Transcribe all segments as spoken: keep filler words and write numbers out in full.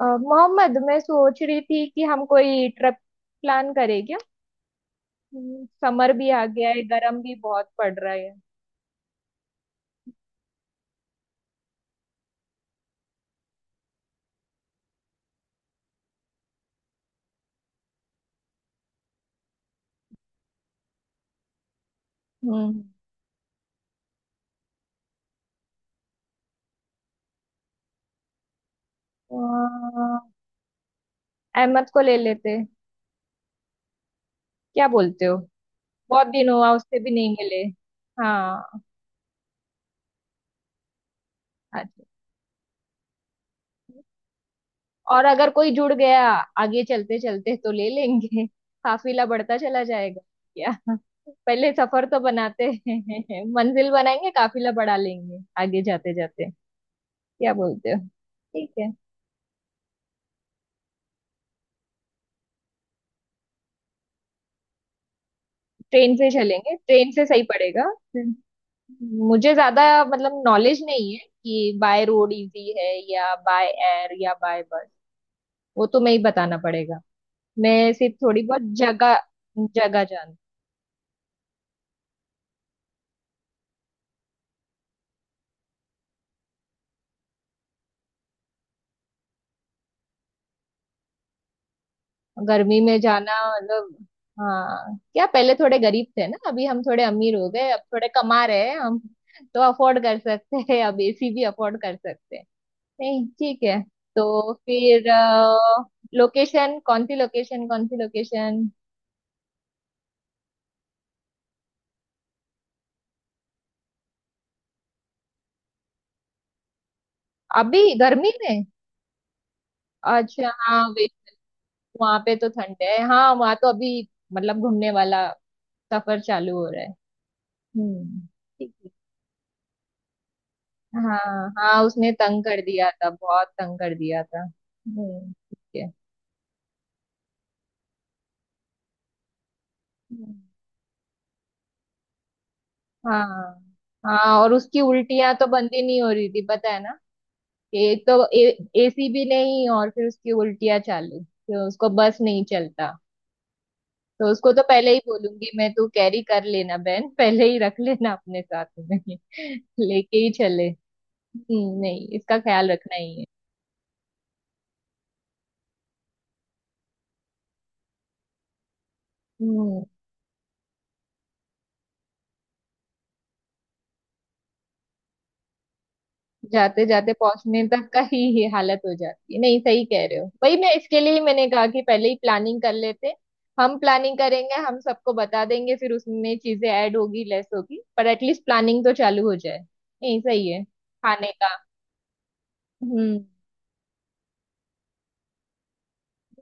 अ, मोहम्मद, मैं सोच रही थी कि हम कोई ट्रिप प्लान करें क्या। हम्म, समर भी आ गया है, गर्म भी बहुत पड़ रहा है। हम्म। तो, अ, अहमद को ले लेते, क्या बोलते हो। बहुत दिन हुआ, उससे भी नहीं मिले। हाँ। अच्छा, और अगर कोई जुड़ गया आगे चलते चलते तो ले लेंगे काफिला बढ़ता चला जाएगा क्या पहले सफर तो बनाते हैं मंजिल बनाएंगे, काफिला बढ़ा लेंगे आगे जाते जाते। क्या बोलते हो। ठीक है। ट्रेन से चलेंगे, ट्रेन से सही पड़ेगा। मुझे ज्यादा मतलब नॉलेज नहीं है कि बाय रोड इजी है, या बाय एयर या बाय बस। वो तुम्हें ही बताना पड़ेगा, मैं सिर्फ थोड़ी बहुत जगह जगह जान। गर्मी में जाना मतलब। हाँ, क्या पहले थोड़े गरीब थे ना, अभी हम थोड़े अमीर हो गए, अब थोड़े कमा रहे हैं हम, तो अफोर्ड कर सकते हैं, अब एसी भी अफोर्ड कर सकते हैं। नहीं, ठीक है। तो फिर लोकेशन कौन सी लोकेशन कौन सी लोकेशन अभी गर्मी में। अच्छा, हाँ वे, वहां पे तो ठंड है, हाँ वहां तो अभी मतलब घूमने वाला सफर चालू हो रहा है। हम्म, ठीक है। हाँ हाँ, उसने तंग कर दिया था, बहुत तंग कर दिया था। हम्म, ठीक है। हम्म। हाँ हाँ, और उसकी उल्टियां तो बंद ही नहीं हो रही थी, पता है ना। एक तो एसी भी नहीं, और फिर उसकी उल्टियां चालू, तो उसको बस नहीं चलता। तो उसको तो पहले ही बोलूंगी मैं, तू कैरी कर लेना बहन, पहले ही रख लेना अपने साथ में लेके ही चले। हम्म, नहीं इसका ख्याल रखना ही है। हम्म। जाते जाते पहुंचने तक का ही ये हालत हो जाती है, नहीं सही कह रहे हो, वही मैं, इसके लिए ही मैंने कहा कि पहले ही प्लानिंग कर लेते। हम प्लानिंग करेंगे, हम सबको बता देंगे, फिर उसमें चीजें ऐड होगी, लेस होगी, पर एटलीस्ट प्लानिंग तो चालू हो जाए। नहीं सही है, खाने का। हम्म।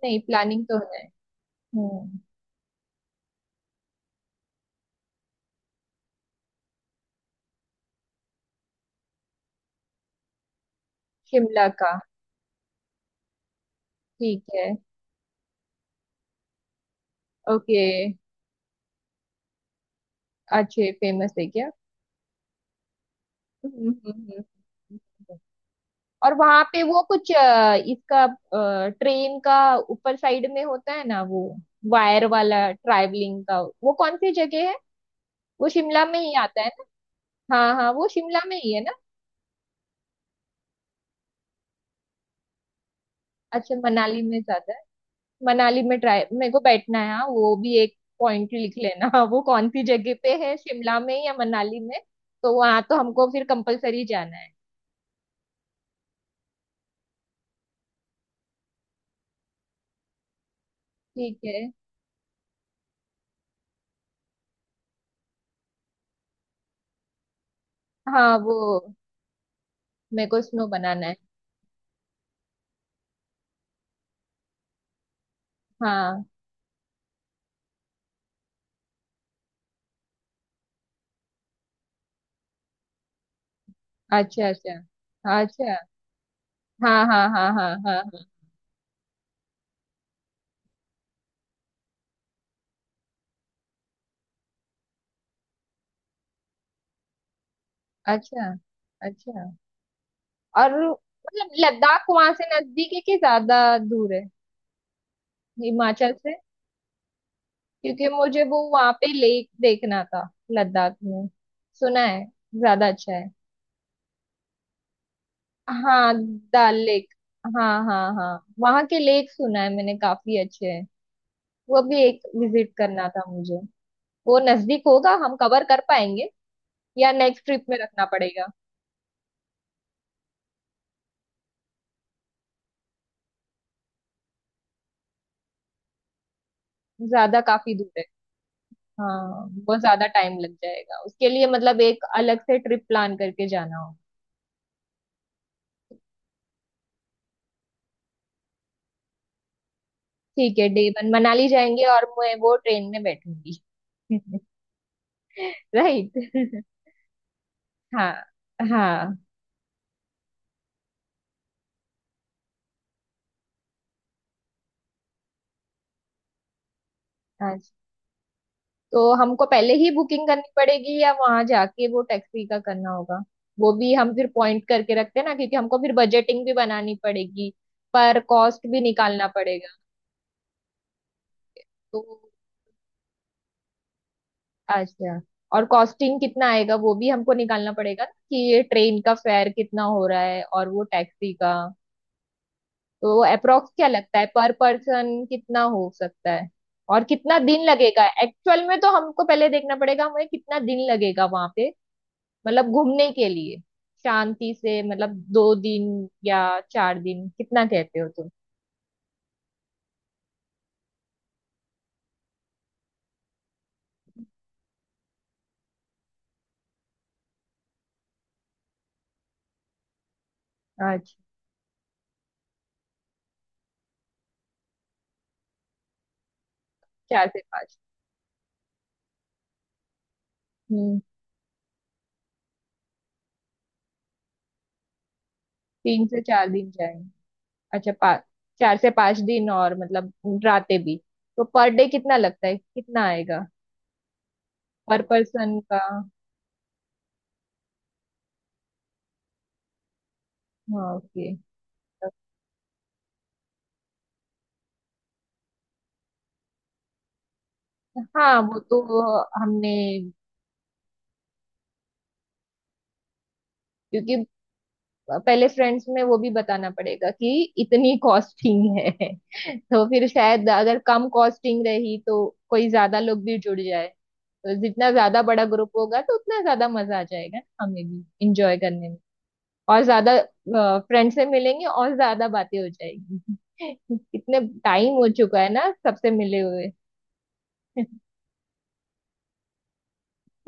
नहीं, प्लानिंग तो है। हम्म। शिमला का। ठीक है। ओके। अच्छे, फेमस है क्या। हम्म, हम्म, हम्म। और वहां पे वो कुछ अ, इसका, ट्रेन का ऊपर साइड में होता है ना वो, वायर वाला, ट्रैवलिंग का, वो कौन सी जगह है, वो शिमला में ही आता है ना। हाँ हाँ, वो शिमला में ही है ना। अच्छा, मनाली में ज्यादा है, मनाली में ट्राई, मेरे को बैठना है हाँ, वो भी एक पॉइंट लिख लेना वो कौन सी जगह पे है, शिमला में या मनाली में। तो वहां तो हमको फिर कंपलसरी जाना है। ठीक है। हाँ, वो मेरे को स्नो बनाना है। हाँ। अच्छा, अच्छा। अच्छा। हाँ हाँ हाँ हाँ हाँ हाँ। अच्छा। अच्छा। और मतलब, लद्दाख वहां से नजदीक है कि ज्यादा दूर है, हिमाचल से। क्योंकि मुझे वो वहां पे लेक देखना था, लद्दाख में, सुना है ज्यादा अच्छा है। हाँ। डल लेक। हाँ हाँ हाँ, वहां के लेक सुना है मैंने काफी अच्छे हैं, वो भी एक विजिट करना था मुझे। वो नजदीक होगा, हम कवर कर पाएंगे या नेक्स्ट ट्रिप में रखना पड़ेगा। ज्यादा काफी दूर है। हाँ, बहुत ज्यादा टाइम लग जाएगा उसके लिए, मतलब एक अलग से ट्रिप प्लान करके जाना होगा। ठीक है, डे वन मनाली जाएंगे और मैं वो ट्रेन में बैठूंगी राइट। हाँ हाँ। हाँ, तो हमको पहले ही बुकिंग करनी पड़ेगी या वहां जाके वो टैक्सी का करना होगा। वो भी हम फिर पॉइंट करके रखते हैं ना, क्योंकि हमको फिर बजटिंग भी बनानी पड़ेगी, पर कॉस्ट भी निकालना पड़ेगा। तो, अच्छा। और कॉस्टिंग कितना आएगा वो भी हमको निकालना पड़ेगा ना, कि ये ट्रेन का फेयर कितना हो रहा है और वो टैक्सी का। तो अप्रोक्स क्या लगता है, पर पर्सन कितना हो सकता है। और कितना दिन लगेगा एक्चुअल में, तो हमको पहले देखना पड़ेगा, हमें कितना दिन लगेगा वहां पे, मतलब घूमने के लिए। शांति से मतलब दो दिन या चार दिन, कितना कहते हो तुम। अच्छा, चार से पाँच। हम्म। तीन से चार दिन। अच्छा पा, चार से पांच दिन और मतलब रातें भी। तो पर डे कितना लगता है, कितना आएगा। पर पर्सन का। हाँ, ओके। हाँ, वो तो हमने। क्योंकि पहले फ्रेंड्स में वो भी बताना पड़ेगा कि इतनी कॉस्टिंग है तो फिर शायद अगर कम कॉस्टिंग रही तो कोई ज्यादा लोग भी जुड़ जाए, तो जितना ज्यादा बड़ा ग्रुप होगा तो उतना ज्यादा मजा आ जाएगा ना, हमें भी इंजॉय करने में। और ज्यादा फ्रेंड से मिलेंगे और ज्यादा बातें हो जाएगी कितने टाइम हो चुका है ना सबसे मिले हुए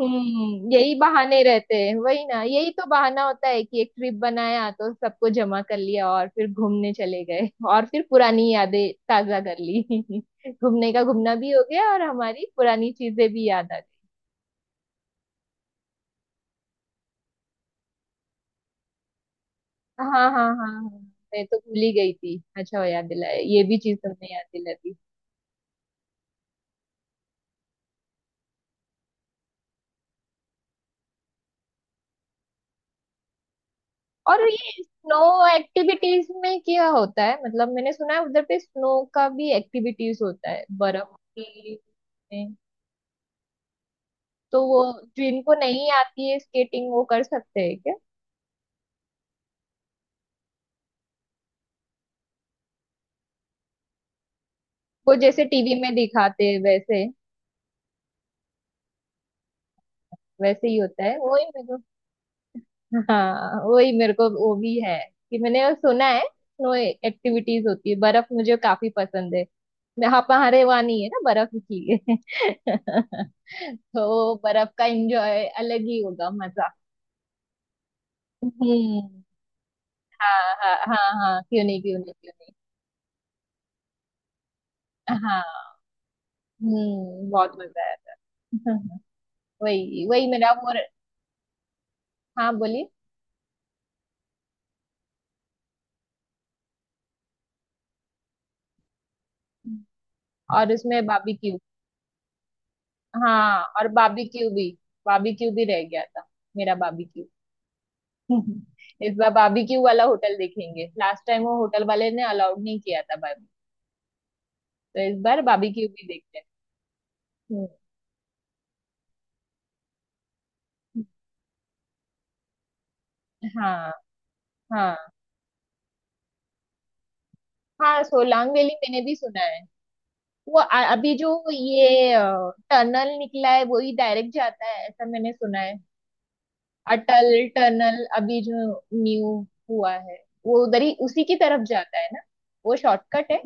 हम्म, यही बहाने रहते हैं, वही ना, यही तो बहाना होता है कि एक ट्रिप बनाया तो सबको जमा कर लिया और फिर घूमने चले गए और फिर पुरानी यादें ताजा कर ली घूमने का घूमना भी हो गया और हमारी पुरानी चीजें भी याद आ गई। हाँ हाँ हाँ हाँ, मैं तो भूल ही गई थी, अच्छा हो याद दिलाया, ये भी चीज तुमने याद दिला दी। और ये स्नो एक्टिविटीज में क्या होता है, मतलब मैंने सुना है उधर पे स्नो का भी एक्टिविटीज होता है, बर्फ की में। तो वो जिनको नहीं आती है स्केटिंग, वो कर सकते हैं क्या। वो जैसे टीवी में दिखाते हैं वैसे। वैसे ही होता है वो ही। हाँ, वही मेरे को वो भी है कि मैंने सुना है स्नो एक्टिविटीज होती है, बर्फ मुझे काफी पसंद है। मैं- हाँ, हमारे वहाँ नहीं है ना बर्फ की तो बर्फ का एंजॉय अलग ही होगा, मजा। हम्म। हाँ हाँ हाँ हाँ, क्यों नहीं, क्यों नहीं, क्यों नहीं। हाँ। हम्म, बहुत मजा आया था वही वही मेरा वो। हाँ बोलिए। और उसमें बाबीक्यू। हाँ, और बाबीक्यू भी, बाबीक्यू भी रह गया था, मेरा बाबीक्यू इस बार बाबीक्यू वाला होटल देखेंगे, लास्ट टाइम वो होटल वाले ने अलाउड नहीं किया था बाबी, तो इस बार बाबीक्यू भी देखते हैं। हम्म। हाँ हाँ, हाँ सोलांग वैली मैंने भी सुना है। वो अ- अभी जो ये टनल निकला है, वही डायरेक्ट जाता है ऐसा मैंने सुना है। अटल टनल अभी जो न्यू हुआ है, वो उधर ही उसी की तरफ जाता है ना, वो शॉर्टकट है।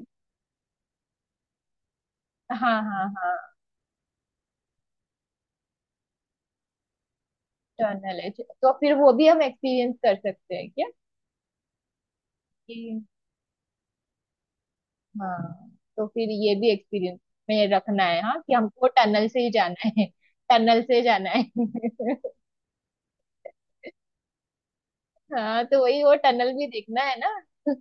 हाँ हाँ हाँ, टनल है तो फिर वो भी हम एक्सपीरियंस कर सकते हैं क्या। हाँ, तो फिर ये भी एक्सपीरियंस में रखना है हाँ, कि हमको टनल से ही जाना है, टनल से जाना है हाँ, तो वही वो टनल भी देखना है ना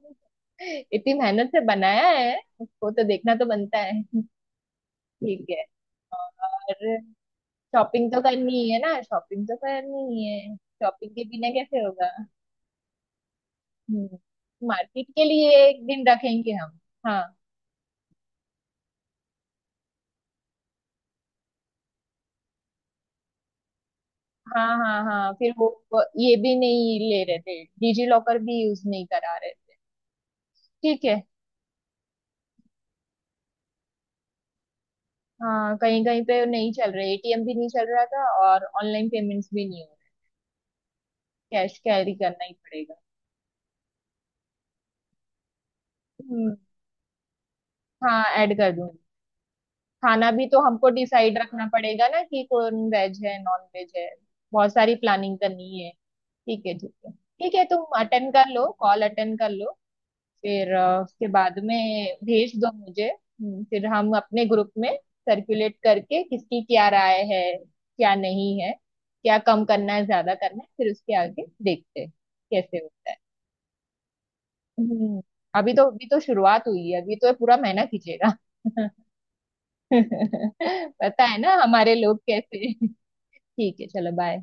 इतनी मेहनत से बनाया है उसको तो देखना तो बनता है। ठीक है। और शॉपिंग तो करनी ही है ना, शॉपिंग तो करनी ही है, शॉपिंग के बिना कैसे होगा। हम्म। मार्केट के लिए एक दिन रखेंगे हम। हाँ हाँ हाँ हाँ, फिर वो वो ये भी नहीं ले रहे थे, डिजी लॉकर भी यूज नहीं करा रहे। ठीक है। हाँ, कहीं कहीं पे नहीं चल रहा, ए टी एम भी नहीं चल रहा था और ऑनलाइन पेमेंट्स भी नहीं हो रहे, कैश कैरी करना ही पड़ेगा। हम्म। हाँ, ऐड कर दूंगी। खाना भी तो हमको डिसाइड रखना पड़ेगा ना, कि कौन वेज है, नॉन वेज है, बहुत सारी प्लानिंग करनी है। ठीक है, ठीक है, ठीक है, तुम अटेंड कर लो, कॉल अटेंड कर लो। फिर अ, उसके बाद में भेज दो मुझे, हम्म, फिर हम अपने ग्रुप में सर्कुलेट करके किसकी क्या राय है, क्या नहीं है, क्या कम करना है, ज्यादा करना है, फिर उसके आगे देखते हैं कैसे होता है। हम्म, अभी तो, अभी तो शुरुआत हुई है, अभी तो ये पूरा महीना खींचेगा पता है ना हमारे लोग कैसे। ठीक है, चलो बाय।